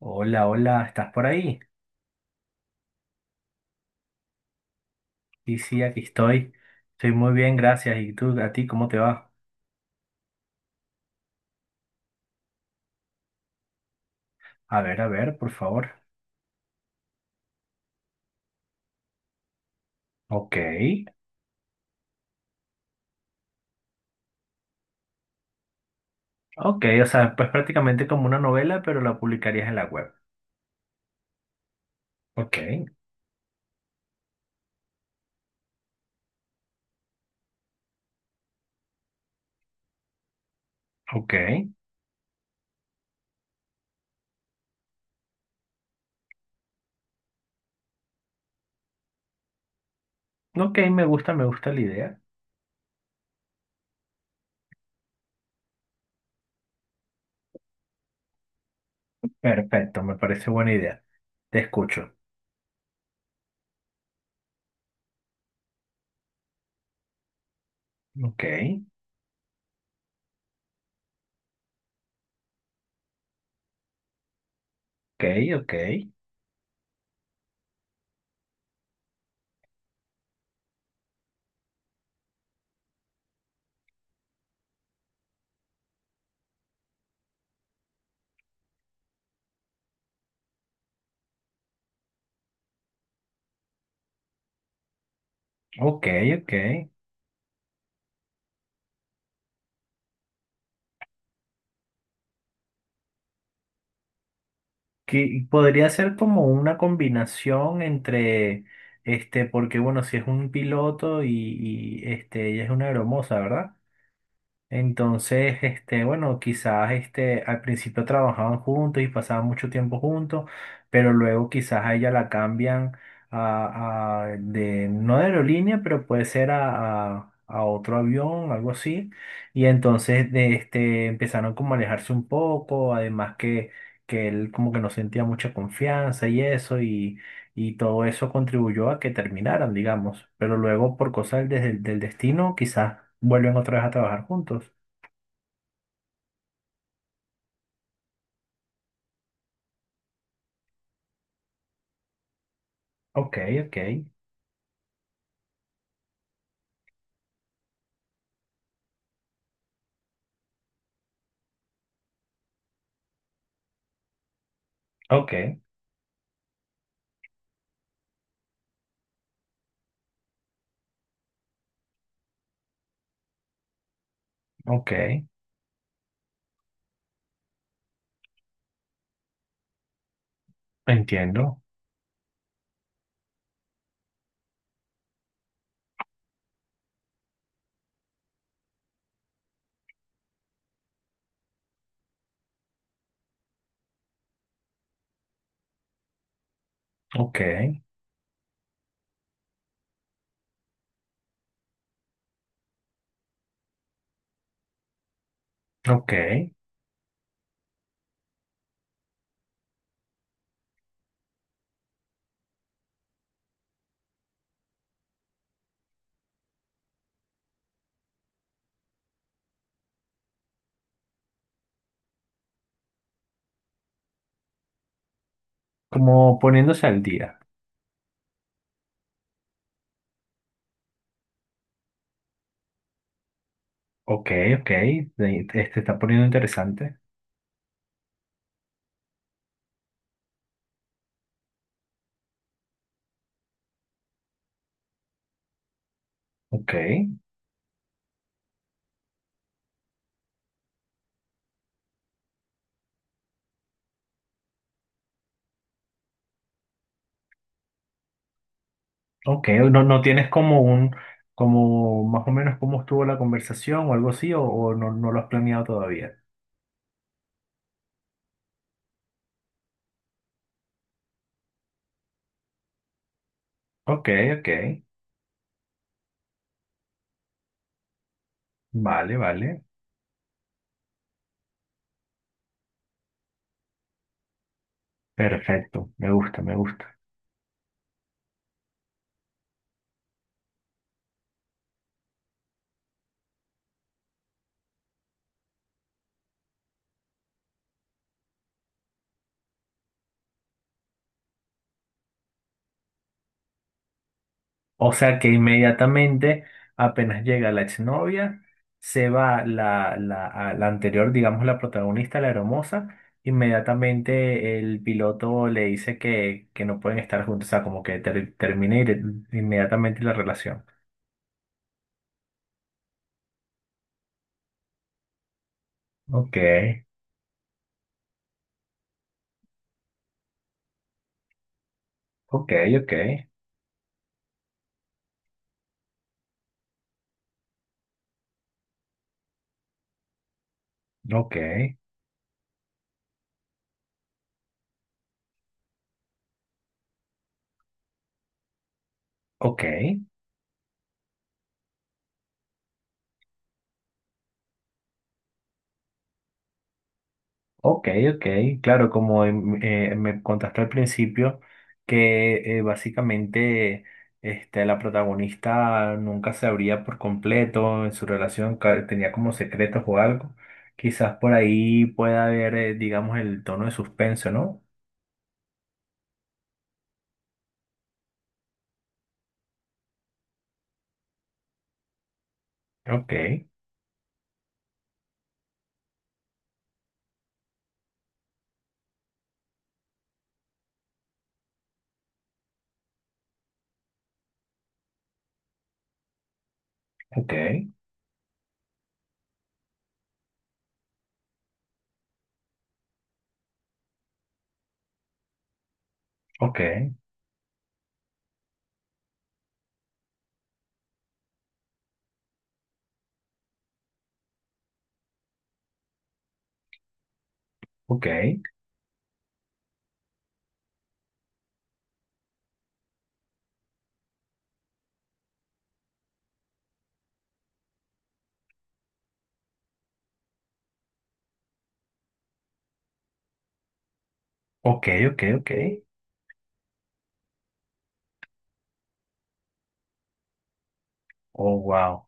Hola, hola, ¿estás por ahí? Sí, sí, aquí estoy. Estoy muy bien, gracias. ¿Y tú, a ti, cómo te va? A ver, por favor. Ok, ok, o sea, pues prácticamente como una novela, pero la publicarías en la web. Ok, ok, ok Me gusta, me gusta la idea. Perfecto, me parece buena idea. Te escucho. Ok, ok, ok, ok, ok. Que podría ser como una combinación entre, porque bueno, si es un piloto y ella es una aeromoza, ¿verdad? Entonces, bueno, quizás al principio trabajaban juntos y pasaban mucho tiempo juntos, pero luego quizás a ella la cambian de, no de aerolínea, pero puede ser a otro avión, algo así. Y entonces de empezaron como a alejarse un poco, además que él como que no sentía mucha confianza y eso, y todo eso contribuyó a que terminaran, digamos. Pero luego, por cosas del destino, quizás vuelven otra vez a trabajar juntos. Ok, ok, ok, ok, entiendo, ok, ok, como poniéndose al día, ok, ok, te está poniendo interesante, ok, ok, no, no tienes como un, como más o menos cómo estuvo la conversación o algo así, o no, no lo has planeado todavía, ok, ok, vale, vale, perfecto, me gusta, me gusta. O sea que inmediatamente, apenas llega la exnovia, se va a la anterior, digamos, la protagonista, la hermosa. Inmediatamente el piloto le dice que no pueden estar juntos, o sea, como que inmediatamente la relación. Ok, ok, ok, ok, ok. Ok, ok, claro, como me contaste al principio, que básicamente la protagonista nunca se abría por completo en su relación, tenía como secretos o algo, quizás por ahí pueda haber, digamos, el tono de suspenso, ¿no? Ok, ok, ok, ok, ok, ok, oh, wow,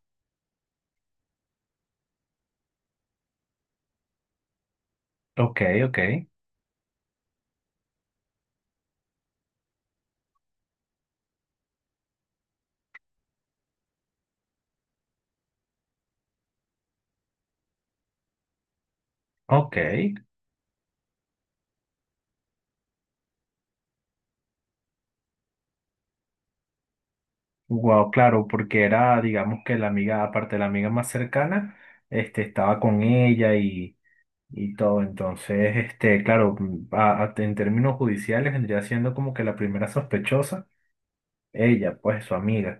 ok, ok, ok. Wow, claro, porque era, digamos que la amiga, aparte de la amiga más cercana, estaba con ella y todo. Entonces, claro, en términos judiciales vendría siendo como que la primera sospechosa, ella, pues su amiga.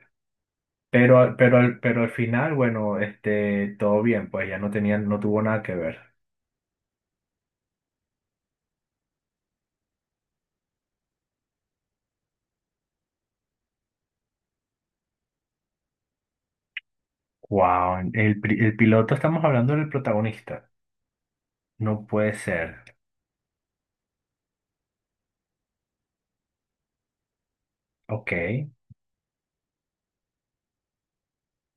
Pero, pero, pero al final, bueno, todo bien, pues ya no tenía, no tuvo nada que ver. Wow, el, el piloto, estamos hablando del protagonista. No puede ser. Ok,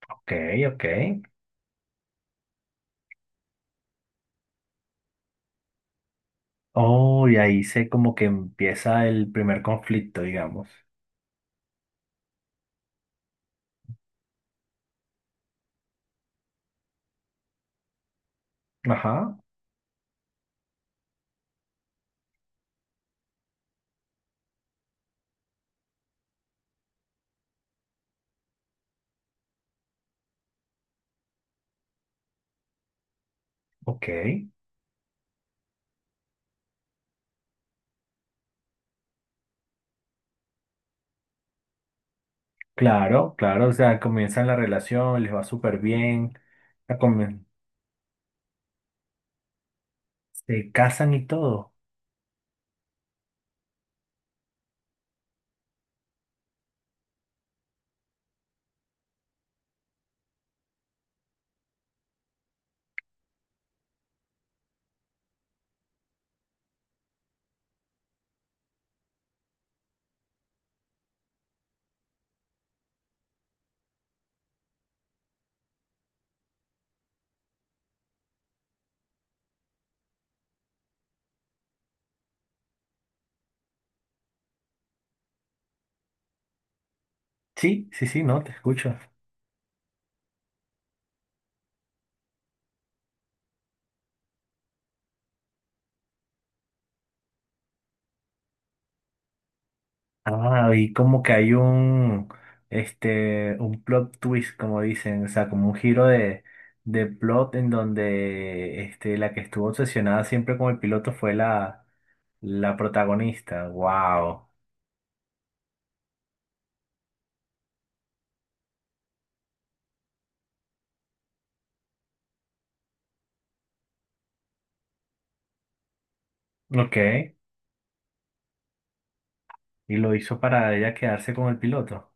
ok, ok. Oh, y ahí se como que empieza el primer conflicto, digamos. Ajá, ok. Claro, claro, o sea, comienzan la relación, les va súper bien, la comien- se casan y todo. Sí, sí, sí, no, te escucho. Ah, y como que hay un, un plot twist, como dicen, o sea, como un giro de plot en donde, la que estuvo obsesionada siempre con el piloto fue la, la protagonista. Wow. Ok. Y lo hizo para ella quedarse con el piloto.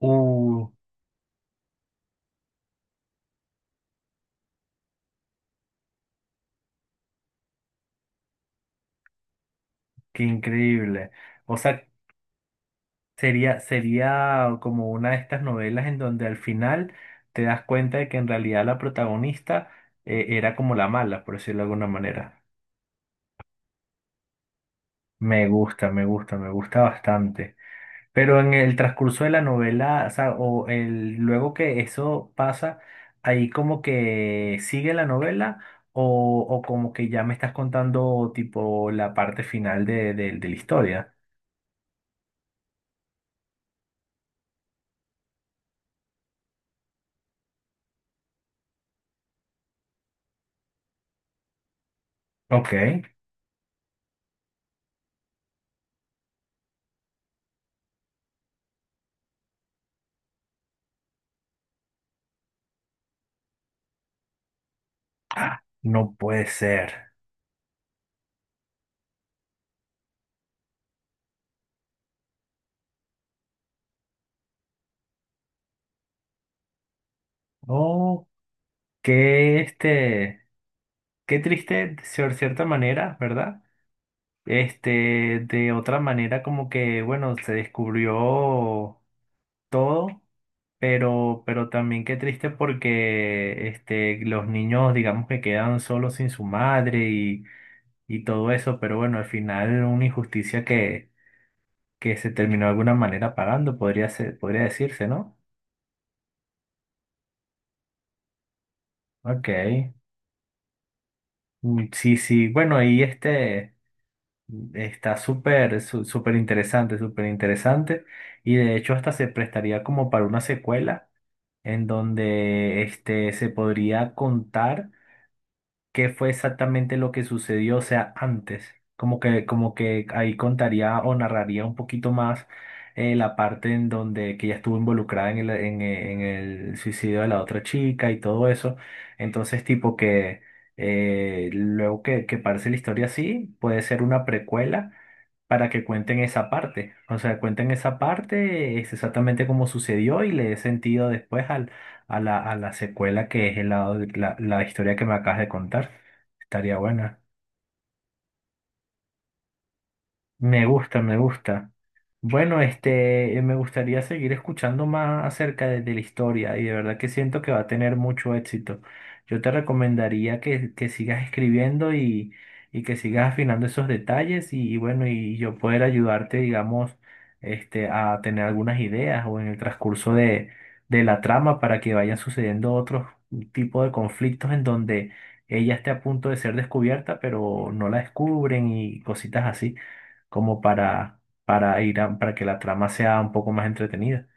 ¡Uh! ¡Qué increíble! O sea, sería, sería como una de estas novelas en donde al final te das cuenta de que en realidad la protagonista era como la mala, por decirlo de alguna manera. Me gusta, me gusta, me gusta bastante. Pero en el transcurso de la novela, o sea, o el, luego que eso pasa, ahí como que sigue la novela o como que ya me estás contando tipo la parte final de, de la historia. Ok. Ah, no puede ser. Oh, qué qué triste de cierta manera, ¿verdad? De otra manera como que, bueno, se descubrió. Todo, pero también qué triste porque los niños, digamos que quedan solos sin su madre y todo eso, pero bueno, al final una injusticia que se terminó de alguna manera pagando, podría ser, podría decirse, ¿no? Ok. Sí, sí, bueno, y está súper interesante, y de hecho hasta se prestaría como para una secuela en donde se podría contar. Qué fue exactamente lo que sucedió, o sea, antes. Como que ahí contaría o narraría un poquito más la parte en donde que ella estuvo involucrada en el, en el suicidio de la otra chica y todo eso. Entonces, tipo que luego que parece la historia así, puede ser una precuela para que cuenten esa parte. O sea, cuenten esa parte, es exactamente como sucedió y le dé sentido después a la secuela que es el lado de la, la historia que me acabas de contar. Estaría buena. Me gusta, me gusta. Bueno, me gustaría seguir escuchando más acerca de la historia y de verdad que siento que va a tener mucho éxito. Yo te recomendaría que sigas escribiendo y que sigas afinando esos detalles y bueno, y yo poder ayudarte, digamos, a tener algunas ideas o en el transcurso de la trama para que vayan sucediendo otros tipos de conflictos en donde ella esté a punto de ser descubierta, pero no la descubren y cositas así como para ir para que la trama sea un poco más entretenida.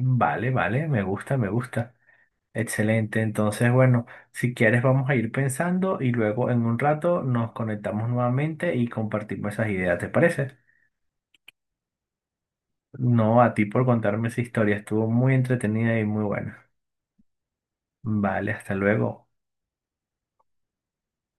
Vale, vale, me gusta, me gusta. Excelente. Entonces, bueno, si quieres vamos a ir pensando y luego en un rato nos conectamos nuevamente y compartimos esas ideas, ¿te parece? No, a ti por contarme esa historia, estuvo muy entretenida y muy buena. Vale, hasta luego.